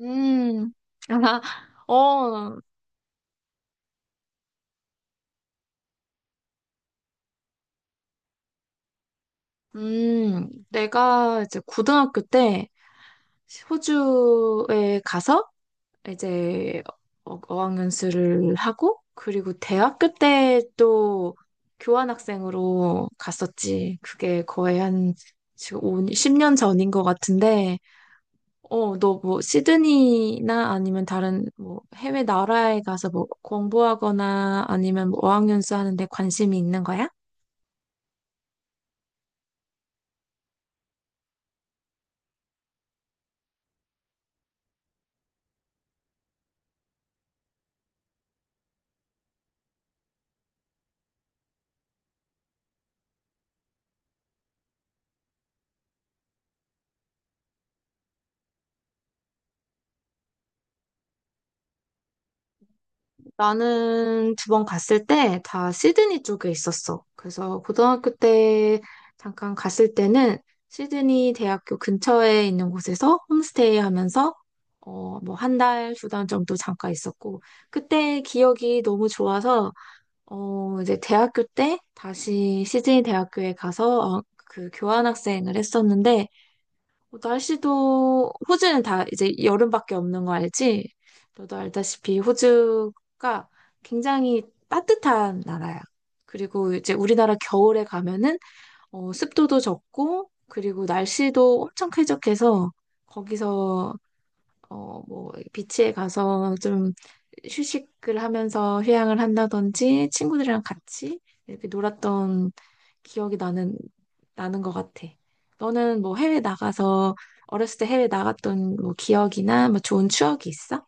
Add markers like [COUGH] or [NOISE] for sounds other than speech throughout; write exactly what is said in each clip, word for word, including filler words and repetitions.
음, 아, 어, 음, 내가 이제 고등학교 때 호주에 가서 이제 어- 어학연수를 하고, 그리고 대학교 때 또 교환학생으로 갔었지. 그게 거의 한 지금 오 십 년 전인 것 같은데, 어, 너 뭐 시드니나 아니면 다른 뭐 해외 나라에 가서 뭐 공부하거나 아니면 뭐 어학연수 하는데 관심이 있는 거야? 나는 두 번 갔을 때 다 시드니 쪽에 있었어. 그래서 고등학교 때 잠깐 갔을 때는 시드니 대학교 근처에 있는 곳에서 홈스테이 하면서 어, 뭐 한 달, 두 달 정도 잠깐 있었고 그때 기억이 너무 좋아서 어, 이제 대학교 때 다시 시드니 대학교에 가서 어, 그 교환학생을 했었는데 뭐 날씨도 호주는 다 이제 여름밖에 없는 거 알지? 너도 알다시피 호주가 굉장히 따뜻한 나라야. 그리고 이제 우리나라 겨울에 가면은 어, 습도도 적고 그리고 날씨도 엄청 쾌적해서 거기서 어, 뭐, 비치에 가서 좀 휴식을 하면서 휴양을 한다든지 친구들이랑 같이 이렇게 놀았던 기억이 나는, 나는 것 같아. 너는 뭐 해외 나가서 어렸을 때 해외 나갔던 뭐 기억이나 뭐 좋은 추억이 있어?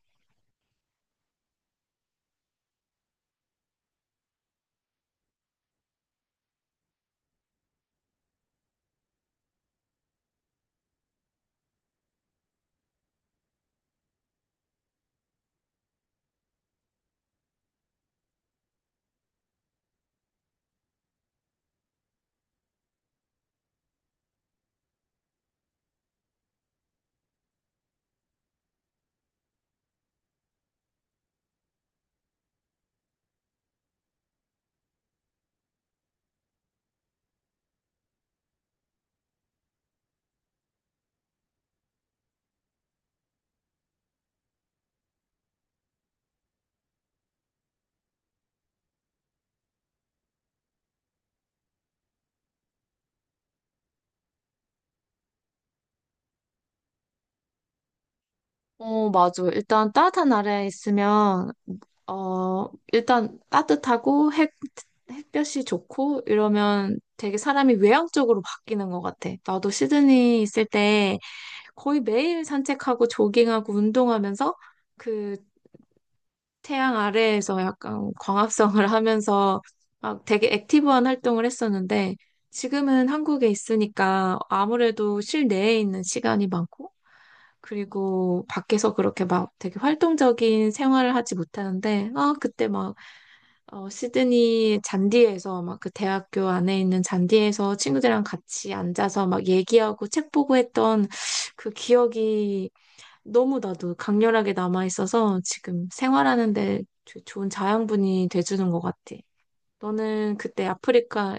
어, 맞아. 일단 따뜻한 나라에 있으면, 어, 일단 따뜻하고 햇, 햇볕이 좋고 이러면 되게 사람이 외향적으로 바뀌는 것 같아. 나도 시드니 있을 때 거의 매일 산책하고 조깅하고 운동하면서 그 태양 아래에서 약간 광합성을 [LAUGHS] 하면서 막 되게 액티브한 활동을 했었는데 지금은 한국에 있으니까 아무래도 실내에 있는 시간이 많고 그리고 밖에서 그렇게 막 되게 활동적인 생활을 하지 못하는데 아 그때 막 어, 시드니 잔디에서 막 그 대학교 안에 있는 잔디에서 친구들이랑 같이 앉아서 막 얘기하고 책 보고 했던 그 기억이 너무 나도 강렬하게 남아있어서 지금 생활하는데 조- 좋은 자양분이 돼주는 것 같아. 너는 그때 아프리카,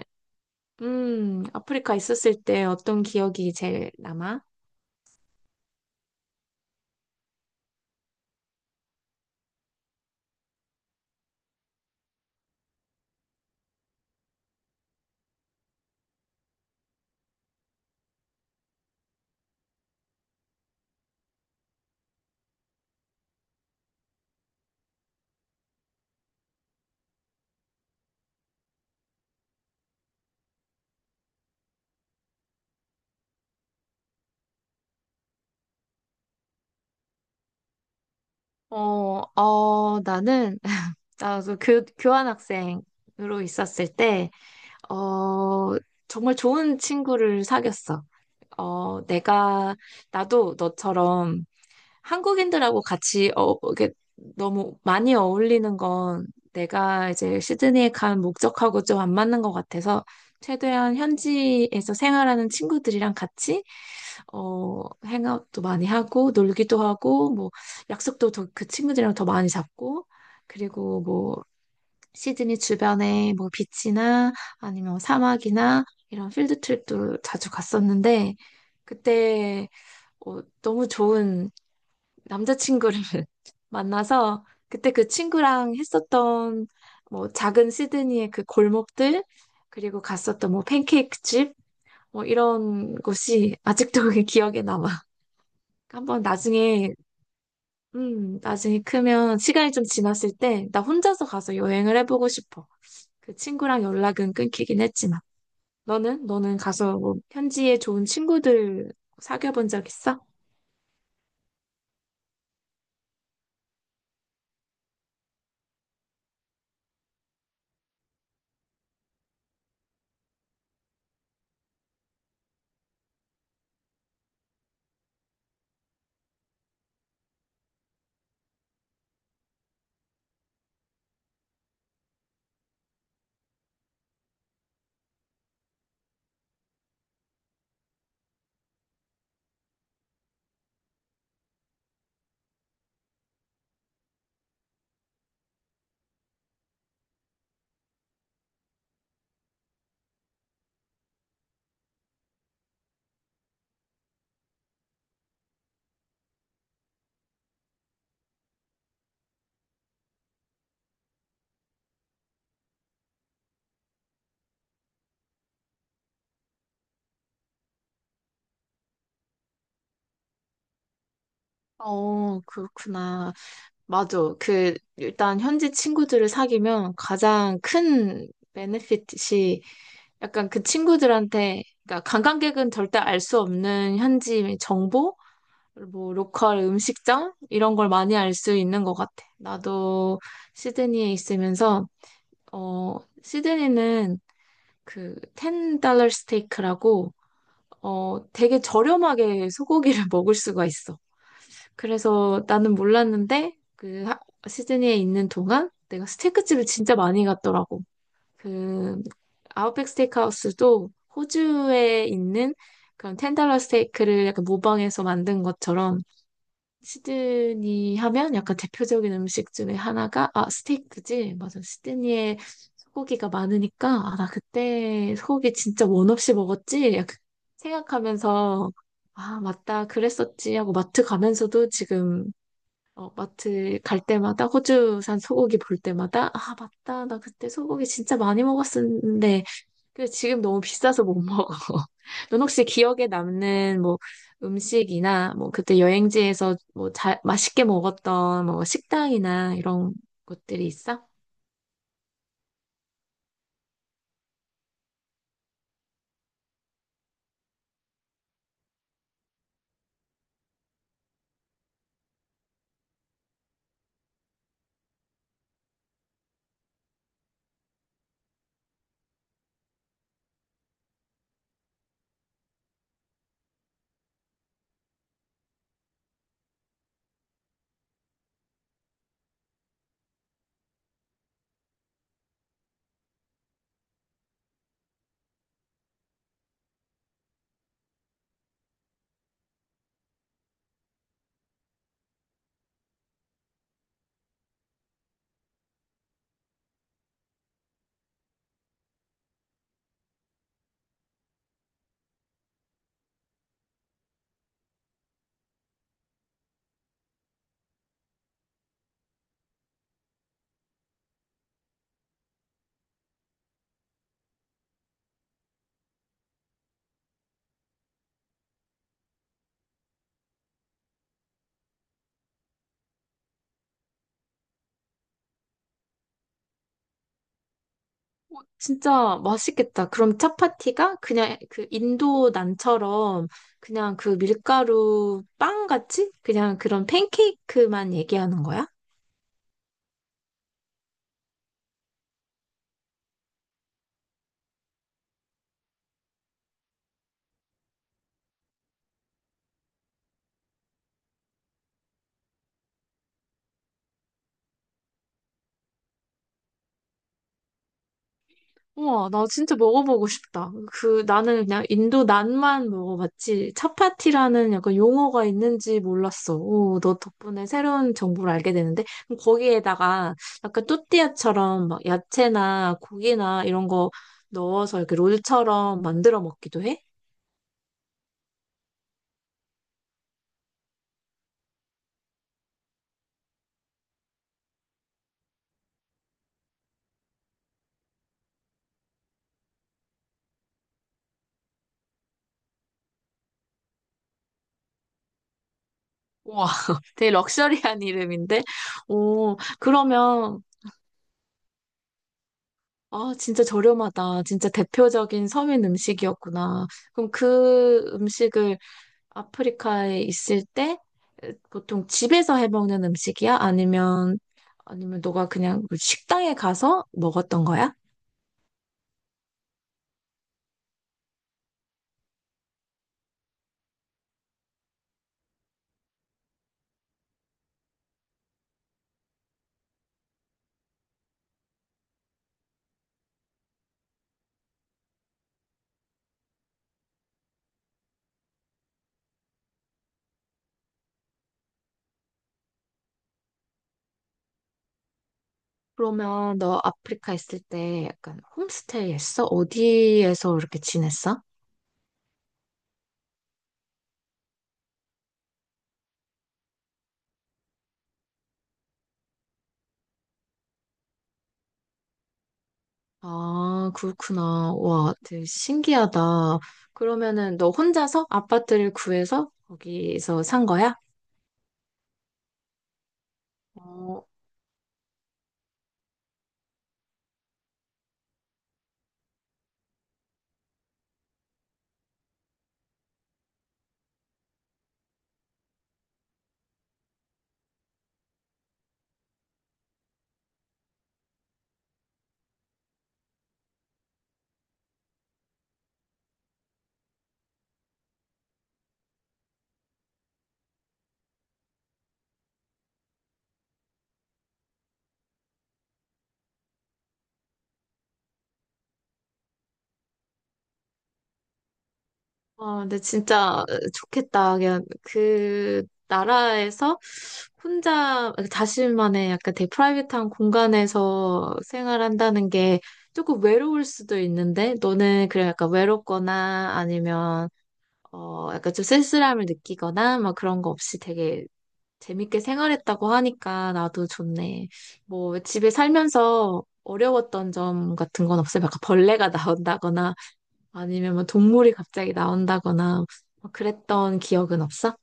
음, 아프리카 있었을 때 어떤 기억이 제일 남아? 어, 어, 나는, [LAUGHS] 나도 교, 교환학생으로 있었을 때, 어, 정말 좋은 친구를 사귀었어. 어, 내가, 나도 너처럼 한국인들하고 같이 어, 이게 너무 많이 어울리는 건 내가 이제 시드니에 간 목적하고 좀 안 맞는 것 같아서 최대한 현지에서 생활하는 친구들이랑 같이 어, 행업도 많이 하고 놀기도 하고 뭐 약속도 더, 그 친구들이랑 더 많이 잡고 그리고 뭐 시드니 주변에 뭐 비치나 아니면 사막이나 이런 필드 트립도 자주 갔었는데 그때 어, 너무 좋은 남자친구를 [LAUGHS] 만나서 그때 그 친구랑 했었던 뭐 작은 시드니의 그 골목들 그리고 갔었던 뭐 팬케이크 집 뭐 이런 곳이 아직도 그게 기억에 남아. 한번 나중에 음 나중에 크면 시간이 좀 지났을 때 나 혼자서 가서 여행을 해보고 싶어. 그 친구랑 연락은 끊기긴 했지만 너는 너는 가서 뭐 현지에 좋은 친구들 사귀어 본 적 있어? 어, 그렇구나. 맞아. 그, 일단 현지 친구들을 사귀면 가장 큰 베네핏이 약간 그 친구들한테, 그러니까 관광객은 절대 알 수 없는 현지 정보? 뭐, 로컬 음식점? 이런 걸 많이 알 수 있는 것 같아. 나도 시드니에 있으면서, 어, 시드니는 그, 십 달러 스테이크라고, 어, 되게 저렴하게 소고기를 [LAUGHS] 먹을 수가 있어. 그래서 나는 몰랐는데 그 하- 시드니에 있는 동안 내가 스테이크집을 진짜 많이 갔더라고. 그 아웃백 스테이크하우스도 호주에 있는 그런 텐달러 스테이크를 약간 모방해서 만든 것처럼 시드니 하면 약간 대표적인 음식 중에 하나가 아 스테이크지. 맞아. 시드니에 소고기가 많으니까 아 나 그때 소고기 진짜 원 없이 먹었지. 약간 생각하면서 아 맞다 그랬었지 하고 마트 가면서도 지금 어, 마트 갈 때마다 호주산 소고기 볼 때마다 아, 맞다. 나 그때 소고기 진짜 많이 먹었었는데 그 지금 너무 비싸서 못 먹어. [LAUGHS] 넌 혹시 기억에 남는 뭐 음식이나 뭐 그때 여행지에서 뭐 잘 맛있게 먹었던 뭐 식당이나 이런 것들이 있어? 진짜 맛있겠다. 그럼 차파티가 그냥 그 인도 난처럼 그냥 그 밀가루 빵 같이 그냥 그런 팬케이크만 얘기하는 거야? 우와, 나 진짜 먹어보고 싶다. 그, 나는 그냥 인도 난만 먹어봤지, 차파티라는 약간 용어가 있는지 몰랐어. 오, 너 덕분에 새로운 정보를 알게 되는데, 그럼 거기에다가 약간 또띠아처럼 막 야채나 고기나 이런 거 넣어서 이렇게 롤처럼 만들어 먹기도 해? 우와, [LAUGHS] 되게 럭셔리한 이름인데? 오, 그러면, 아, 진짜 저렴하다. 진짜 대표적인 서민 음식이었구나. 그럼 그 음식을 아프리카에 있을 때 에, 보통 집에서 해먹는 음식이야? 아니면 아니면 너가 그냥 그 식당에 가서 먹었던 거야? 그러면 너 아프리카 있을 때 약간 홈스테이 했어? 어디에서 이렇게 지냈어? 아, 그렇구나. 와, 되게 신기하다. 그러면은 너 혼자서 아파트를 구해서 거기서 산 거야? 어, 아, 근데 진짜 어, 좋겠다. 그냥 그 나라에서 혼자 자신만의 약간 되게 프라이빗한 공간에서 생활한다는 게 조금 외로울 수도 있는데 너는 그래 약간 외롭거나 아니면 어 약간 좀 쓸쓸함을 느끼거나 막 그런 거 없이 되게 재밌게 생활했다고 하니까 나도 좋네. 뭐 집에 살면서 어려웠던 점 같은 건 없어요? 약간 벌레가 나온다거나 아니면 뭐 동물이 갑자기 나온다거나 뭐 그랬던 기억은 없어?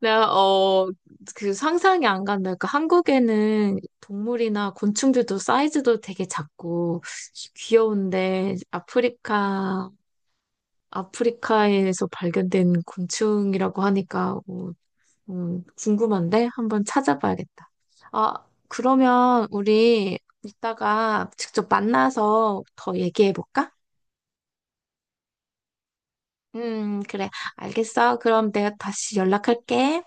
내가 어 그 상상이 안 간다. 그러니까 한국에는 동물이나 곤충들도 사이즈도 되게 작고 귀여운데 아프리카 아프리카에서 발견된 곤충이라고 하니까 어, 음, 궁금한데 한번 찾아봐야겠다. 아 그러면 우리 이따가 직접 만나서 더 얘기해 볼까? 음, 그래. 알겠어. 그럼 내가 다시 연락할게.